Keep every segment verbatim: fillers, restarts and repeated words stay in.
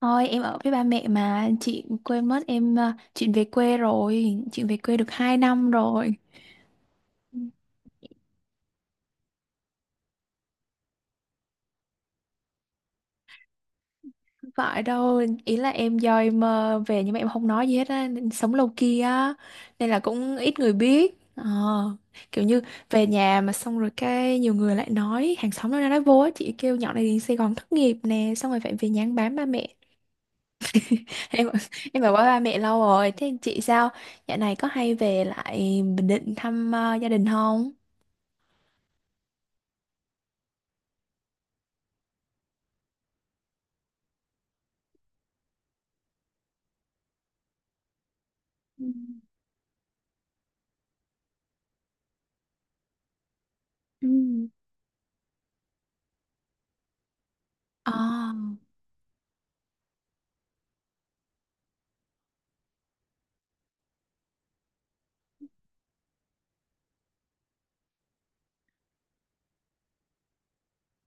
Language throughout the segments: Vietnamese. Thôi em ở với ba mẹ mà chị quên mất em à, chuyện về quê rồi chuyện về quê được hai năm rồi. Không phải đâu ý là em do em à, về nhưng mà em không nói gì hết á nên sống lâu kia á nên là cũng ít người biết. Ờ, kiểu như về nhà mà xong rồi cái nhiều người lại nói, hàng xóm nó nói vô á, chị kêu nhỏ này đi Sài Gòn thất nghiệp nè xong rồi phải về nhà ăn bám ba mẹ. em em ở với ba mẹ lâu rồi, thế chị sao, dạo này có hay về lại Bình Định thăm à, gia đình không? Ừ. Ờ. À.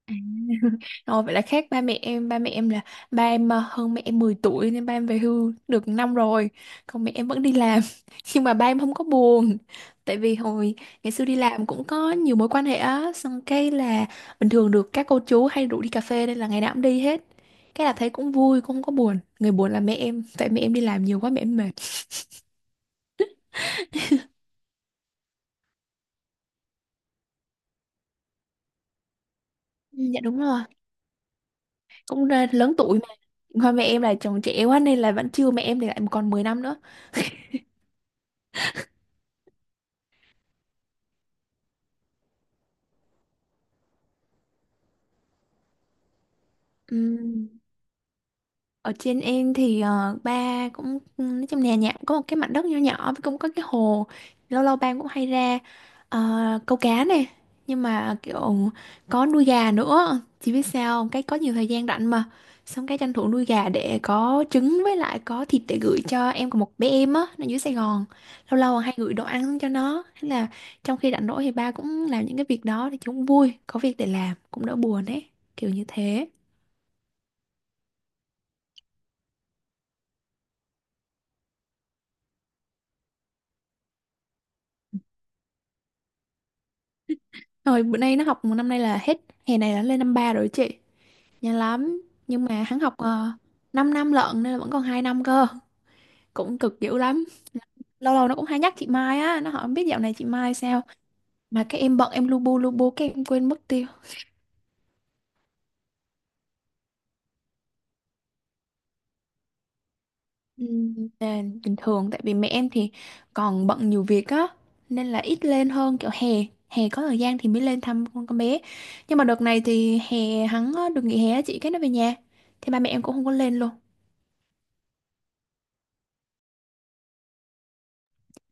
Rồi vậy là khác ba mẹ em, ba mẹ em là ba em ờ, hơn mẹ em mười tuổi nên ba em về hưu được năm rồi, còn mẹ em vẫn đi làm. Nhưng mà ba em không có buồn. Tại vì hồi ngày xưa đi làm cũng có nhiều mối quan hệ á, xong cái là bình thường được các cô chú hay rủ đi cà phê nên là ngày nào cũng đi hết. Cái là thấy cũng vui, cũng không có buồn. Người buồn là mẹ em, tại mẹ em đi làm nhiều quá mẹ em mệt. Ừ, dạ đúng rồi, cũng ờ, lớn tuổi mà. Hoa mẹ em là chồng trẻ quá nên là vẫn chưa, mẹ em thì lại còn mười năm nữa. Ừm, Ở trên em thì ờ, ba cũng nói trong nhà, nhà cũng có một cái mảnh đất nhỏ nhỏ với cũng có cái hồ, lâu lâu ba cũng hay ra ờ, câu cá nè, nhưng mà kiểu có nuôi gà nữa, chỉ biết sao không? Cái có nhiều thời gian rảnh mà, xong cái tranh thủ nuôi gà để có trứng với lại có thịt để gửi cho em, của một bé em á nó dưới Sài Gòn, lâu lâu hay gửi đồ ăn cho nó. Thế là trong khi rảnh rỗi thì ba cũng làm những cái việc đó thì chúng vui, có việc để làm cũng đỡ buồn ấy, kiểu như thế. Rồi bữa nay nó học một năm, nay là hết hè này là lên năm ba rồi chị. Nhanh lắm. Nhưng mà hắn học uh, 5 năm lận nên là vẫn còn hai năm cơ. Cũng cực dữ lắm. Lâu lâu nó cũng hay nhắc chị Mai á, nó hỏi "Không biết dạo này chị Mai sao", mà cái em bận, em lu bu lu bu cái em quên mất tiêu. Ừ, bình thường tại vì mẹ em thì còn bận nhiều việc á nên là ít lên hơn, kiểu hè, hè có thời gian thì mới lên thăm con con bé, nhưng mà đợt này thì hè hắn ờ, được nghỉ hè á chị, cái nó về nhà thì ba mẹ em cũng không có lên luôn.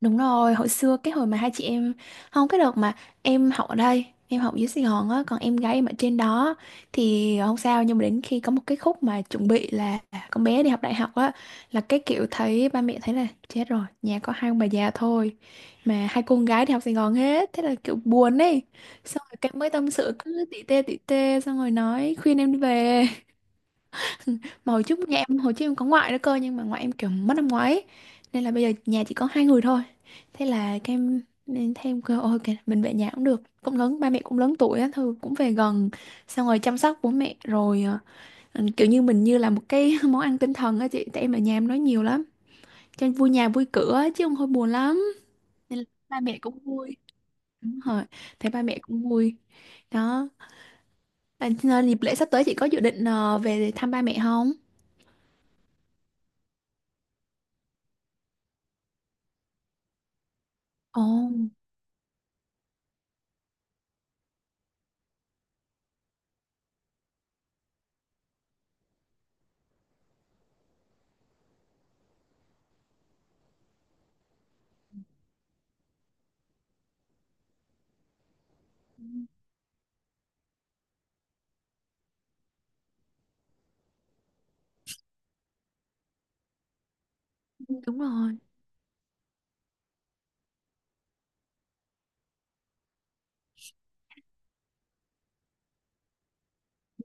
Đúng rồi, hồi xưa cái hồi mà hai chị em, không, cái đợt mà em học ở đây, em học dưới Sài Gòn á, còn em gái em ở trên đó thì không sao, nhưng mà đến khi có một cái khúc mà chuẩn bị là con bé đi học đại học á, là cái kiểu thấy ba mẹ thấy là chết rồi, nhà có hai ông bà già thôi mà hai cô con gái đi học Sài Gòn hết, thế là kiểu buồn ấy. Xong rồi cái mới tâm sự cứ tỉ tê tỉ tê xong rồi nói khuyên em đi về. Mà hồi trước nhà em, hồi trước em có ngoại nữa cơ, nhưng mà ngoại em kiểu mất năm ngoái ấy, nên là bây giờ nhà chỉ có hai người thôi, thế là các em nên thêm cơ, ôi kìa, mình về nhà cũng được, cũng lớn, ba mẹ cũng lớn tuổi á, thôi cũng về gần, xong rồi chăm sóc bố mẹ rồi ờ, ừ, kiểu như mình như là một cái món ăn tinh thần á chị, tại em ở nhà em nói nhiều lắm cho nên vui nhà vui cửa á, chứ không thôi buồn lắm, nên là ba mẹ cũng vui, đúng rồi, thấy ba mẹ cũng vui đó. À, dịp lễ sắp tới chị có dự định ờ, về thăm ba mẹ không? Ồ, đúng rồi.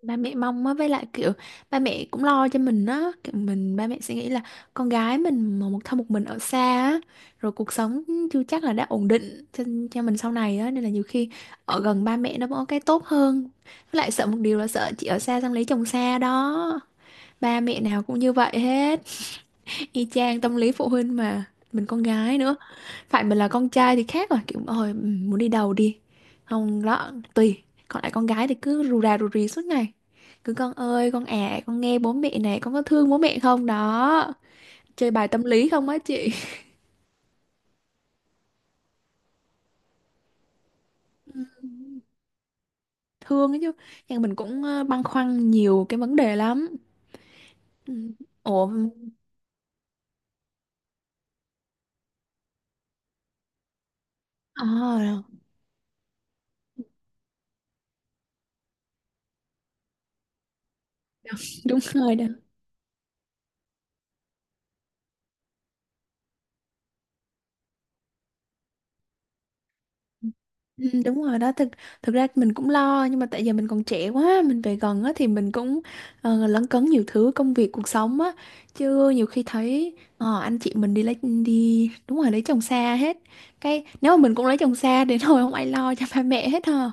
Ba mẹ mong á, với lại kiểu ba mẹ cũng lo cho mình á, kiểu mình, ba mẹ sẽ nghĩ là con gái mình mà một thân một mình ở xa á, rồi cuộc sống chưa chắc là đã ổn định cho, cho mình sau này á, nên là nhiều khi ở gần ba mẹ nó cũng có cái tốt hơn. Với lại sợ một điều là sợ chị ở xa xong lấy chồng xa đó, ba mẹ nào cũng như vậy hết. Y chang tâm lý phụ huynh mà, mình con gái nữa, phải mình là con trai thì khác rồi, kiểu ôi ừ, muốn đi đầu đi, không đó tùy, còn lại con gái thì cứ rù rà rù rì suốt ngày, cứ con ơi con à con nghe bố mẹ này, con có thương bố mẹ không đó, chơi bài tâm lý không á chị. Ừ, thương ấy chứ, nhưng mình cũng ờ, băn khoăn nhiều cái vấn đề lắm. Ừ. Ủa. À, đúng rồi đó. Ừ, đúng rồi đó. Thực thực ra mình cũng lo, nhưng mà tại giờ mình còn trẻ quá mình về gần á thì mình cũng ờ, lấn cấn nhiều thứ công việc cuộc sống á, chứ nhiều khi thấy ờ, anh chị mình đi lấy, đi, đúng rồi, lấy chồng xa hết, cái nếu mà mình cũng lấy chồng xa đến hồi không ai lo cho ba mẹ hết ha.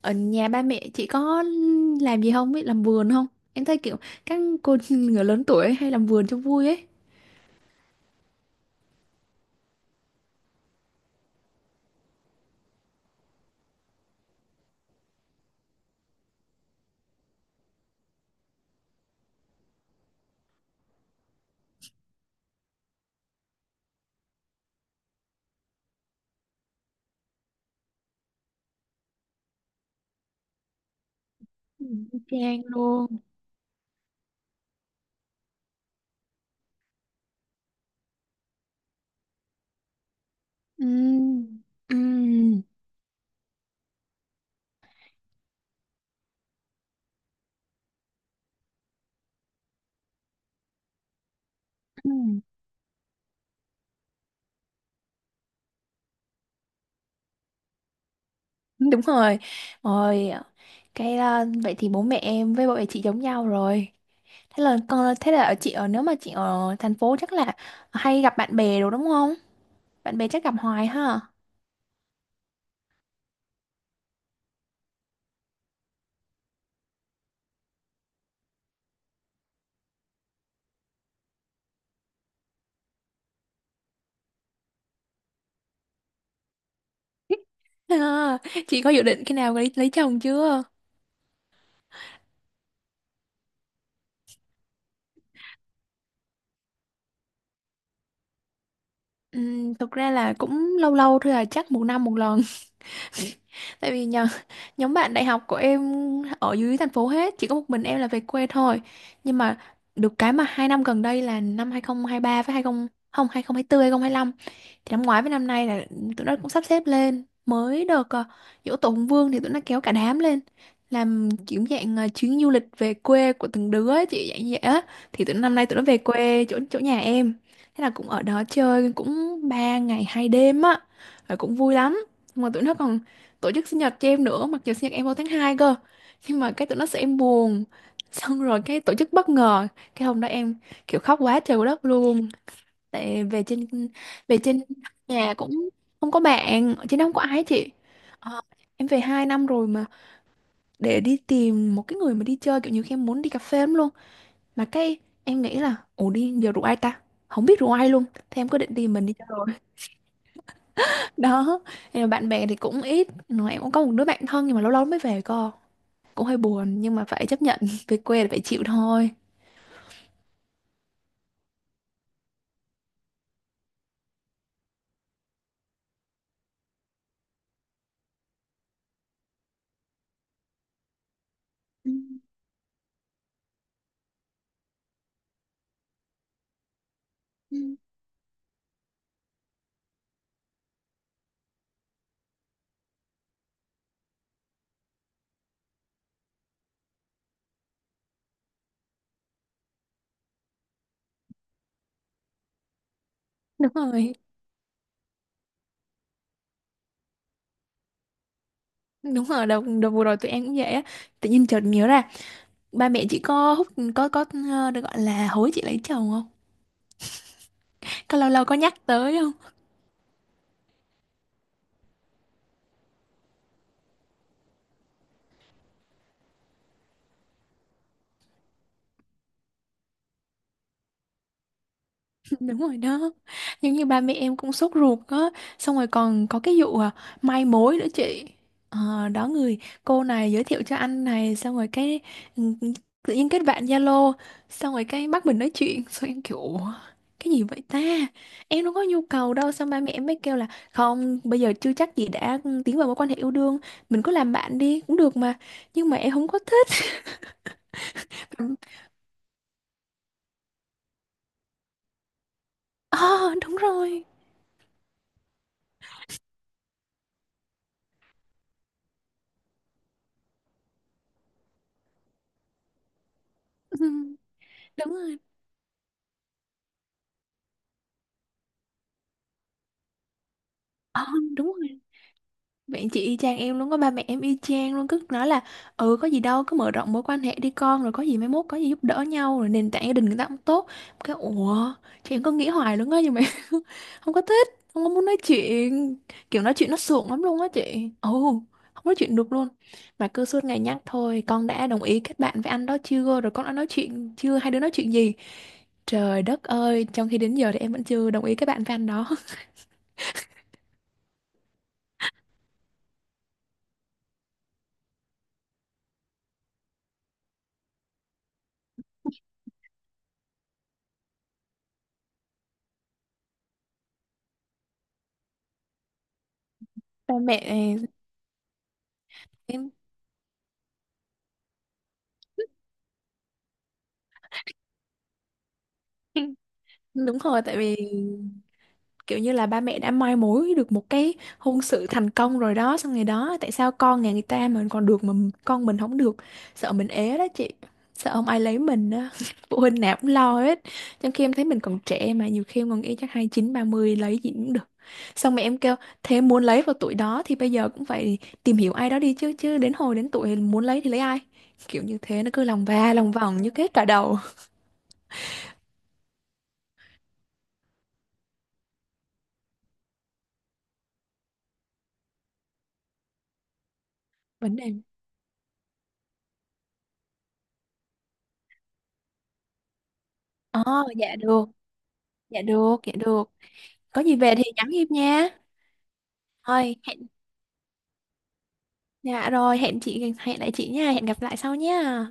Ở nhà ba mẹ chị có làm gì không, biết làm vườn không? Em thấy kiểu các cô người lớn tuổi hay làm vườn cho vui ấy. Ừ, y chang luôn. Ừ. Ừ. Ừ. Đúng rồi. Rồi cái à, vậy thì bố mẹ em với bố mẹ chị giống nhau rồi. Thế là con, thế là ở, chị ở, nếu mà chị ở thành phố chắc là hay gặp bạn bè đồ đúng không? Bạn bè chắc gặp hoài ha. À, chị có dự định khi nào lấy, lấy chồng chưa? Ừm, thực ra là cũng lâu lâu thôi à, chắc một năm một lần. Tại vì nhờ, nhóm bạn đại học của em ở dưới thành phố hết, chỉ có một mình em là về quê thôi. Nhưng mà được cái mà hai năm gần đây là năm hai không hai ba với hai mươi không hai không hai tư lăm, thì năm ngoái với năm nay là tụi nó cũng sắp xếp lên mới được ờ, giỗ tổ Hùng Vương thì tụi nó kéo cả đám lên, làm kiểu dạng ờ, chuyến du lịch về quê của từng đứa ấy, chị, dạng như vậy á. Thì tụi nó, năm nay tụi nó về quê chỗ, chỗ nhà em, thế là cũng ở đó chơi cũng ba ngày hai đêm á, rồi cũng vui lắm. Nhưng mà tụi nó còn tổ chức sinh nhật cho em nữa, mặc dù sinh nhật em vào tháng hai cơ, nhưng mà cái tụi nó sợ em buồn xong rồi cái tổ chức bất ngờ, cái hôm đó em kiểu khóc quá trời quá đất luôn, tại về trên, về trên nhà cũng không có bạn, chứ không có ai hết chị. Ờ, em về hai năm rồi mà để đi tìm một cái người mà đi chơi, kiểu như khi em muốn đi cà phê lắm luôn, mà cái em nghĩ là ủa đi giờ rủ ai ta, không biết rủ ai luôn, thế em cứ định tìm mình đi chơi rồi. Đó, nhưng mà bạn bè thì cũng ít, mà em cũng có một đứa bạn thân nhưng mà lâu lâu mới về cơ, cũng hơi buồn, nhưng mà phải chấp nhận về quê là phải chịu thôi. Ừ. Ừ. Đúng rồi. Đúng rồi đợt, đợt vừa rồi tụi em cũng vậy á, tự nhiên chợt nhớ ra, ba mẹ chị có hút, có có ờ, được gọi là hối chị lấy chồng không, có lâu lâu có nhắc tới không? Đúng rồi đó, giống như ba mẹ em cũng sốt ruột á, xong rồi còn có cái vụ à, mai mối nữa chị. Ờ, đó, người cô này giới thiệu cho anh này xong rồi cái ừ, tự nhiên kết bạn Zalo, xong rồi cái bắt mình nói chuyện, xong em kiểu "Ủa, cái gì vậy ta, em đâu có nhu cầu đâu", xong ba mẹ em mới kêu là không, bây giờ chưa chắc gì đã tiến vào mối quan hệ yêu đương, mình cứ làm bạn đi cũng được mà, nhưng mà em không có thích. Ừ. Ờ, đúng rồi. Ừ, đúng rồi. Ờ, đúng rồi. Bạn chị y chang em luôn, có ba mẹ em y chang luôn cứ nói là ừ có gì đâu, cứ mở rộng mối quan hệ đi con, rồi có gì mai mốt có gì giúp đỡ nhau, rồi nền tảng gia đình người ta cũng tốt, cái ủa, chị em có nghĩ hoài luôn á, nhưng mà không có thích, không có muốn nói chuyện, kiểu nói chuyện nó sượng lắm luôn á chị, ừ, không nói chuyện được luôn, mà cứ suốt ngày nhắc thôi, con đã đồng ý kết bạn với anh đó chưa, rồi con đã nói chuyện chưa, hai đứa nói chuyện gì, trời đất ơi, trong khi đến giờ thì em vẫn chưa đồng ý kết bạn với anh đó. Ba mẹ em đúng rồi, tại vì kiểu như là ba mẹ đã mai mối được một cái hôn sự thành công rồi đó, xong ngày đó tại sao con nhà người ta mình còn được mà m- con mình không được, sợ mình ế đó chị, sợ không ai lấy mình đó, phụ huynh nào cũng lo hết, trong khi em thấy mình còn trẻ, mà nhiều khi em còn nghĩ chắc hai chín ba 30 lấy gì cũng được, xong mẹ em kêu thế muốn lấy vào tuổi đó thì bây giờ cũng phải tìm hiểu ai đó đi chứ, chứ đến hồi đến tuổi muốn lấy thì lấy ai, kiểu như thế nó cứ lòng va lòng vòng như kết cả đầu, vấn đề, ờ dạ được, dạ được, dạ được. Có gì về thì nhắn Hiệp nha. Rồi, hẹn, dạ rồi, hẹn chị, hẹn lại chị nha, hẹn gặp lại sau nha.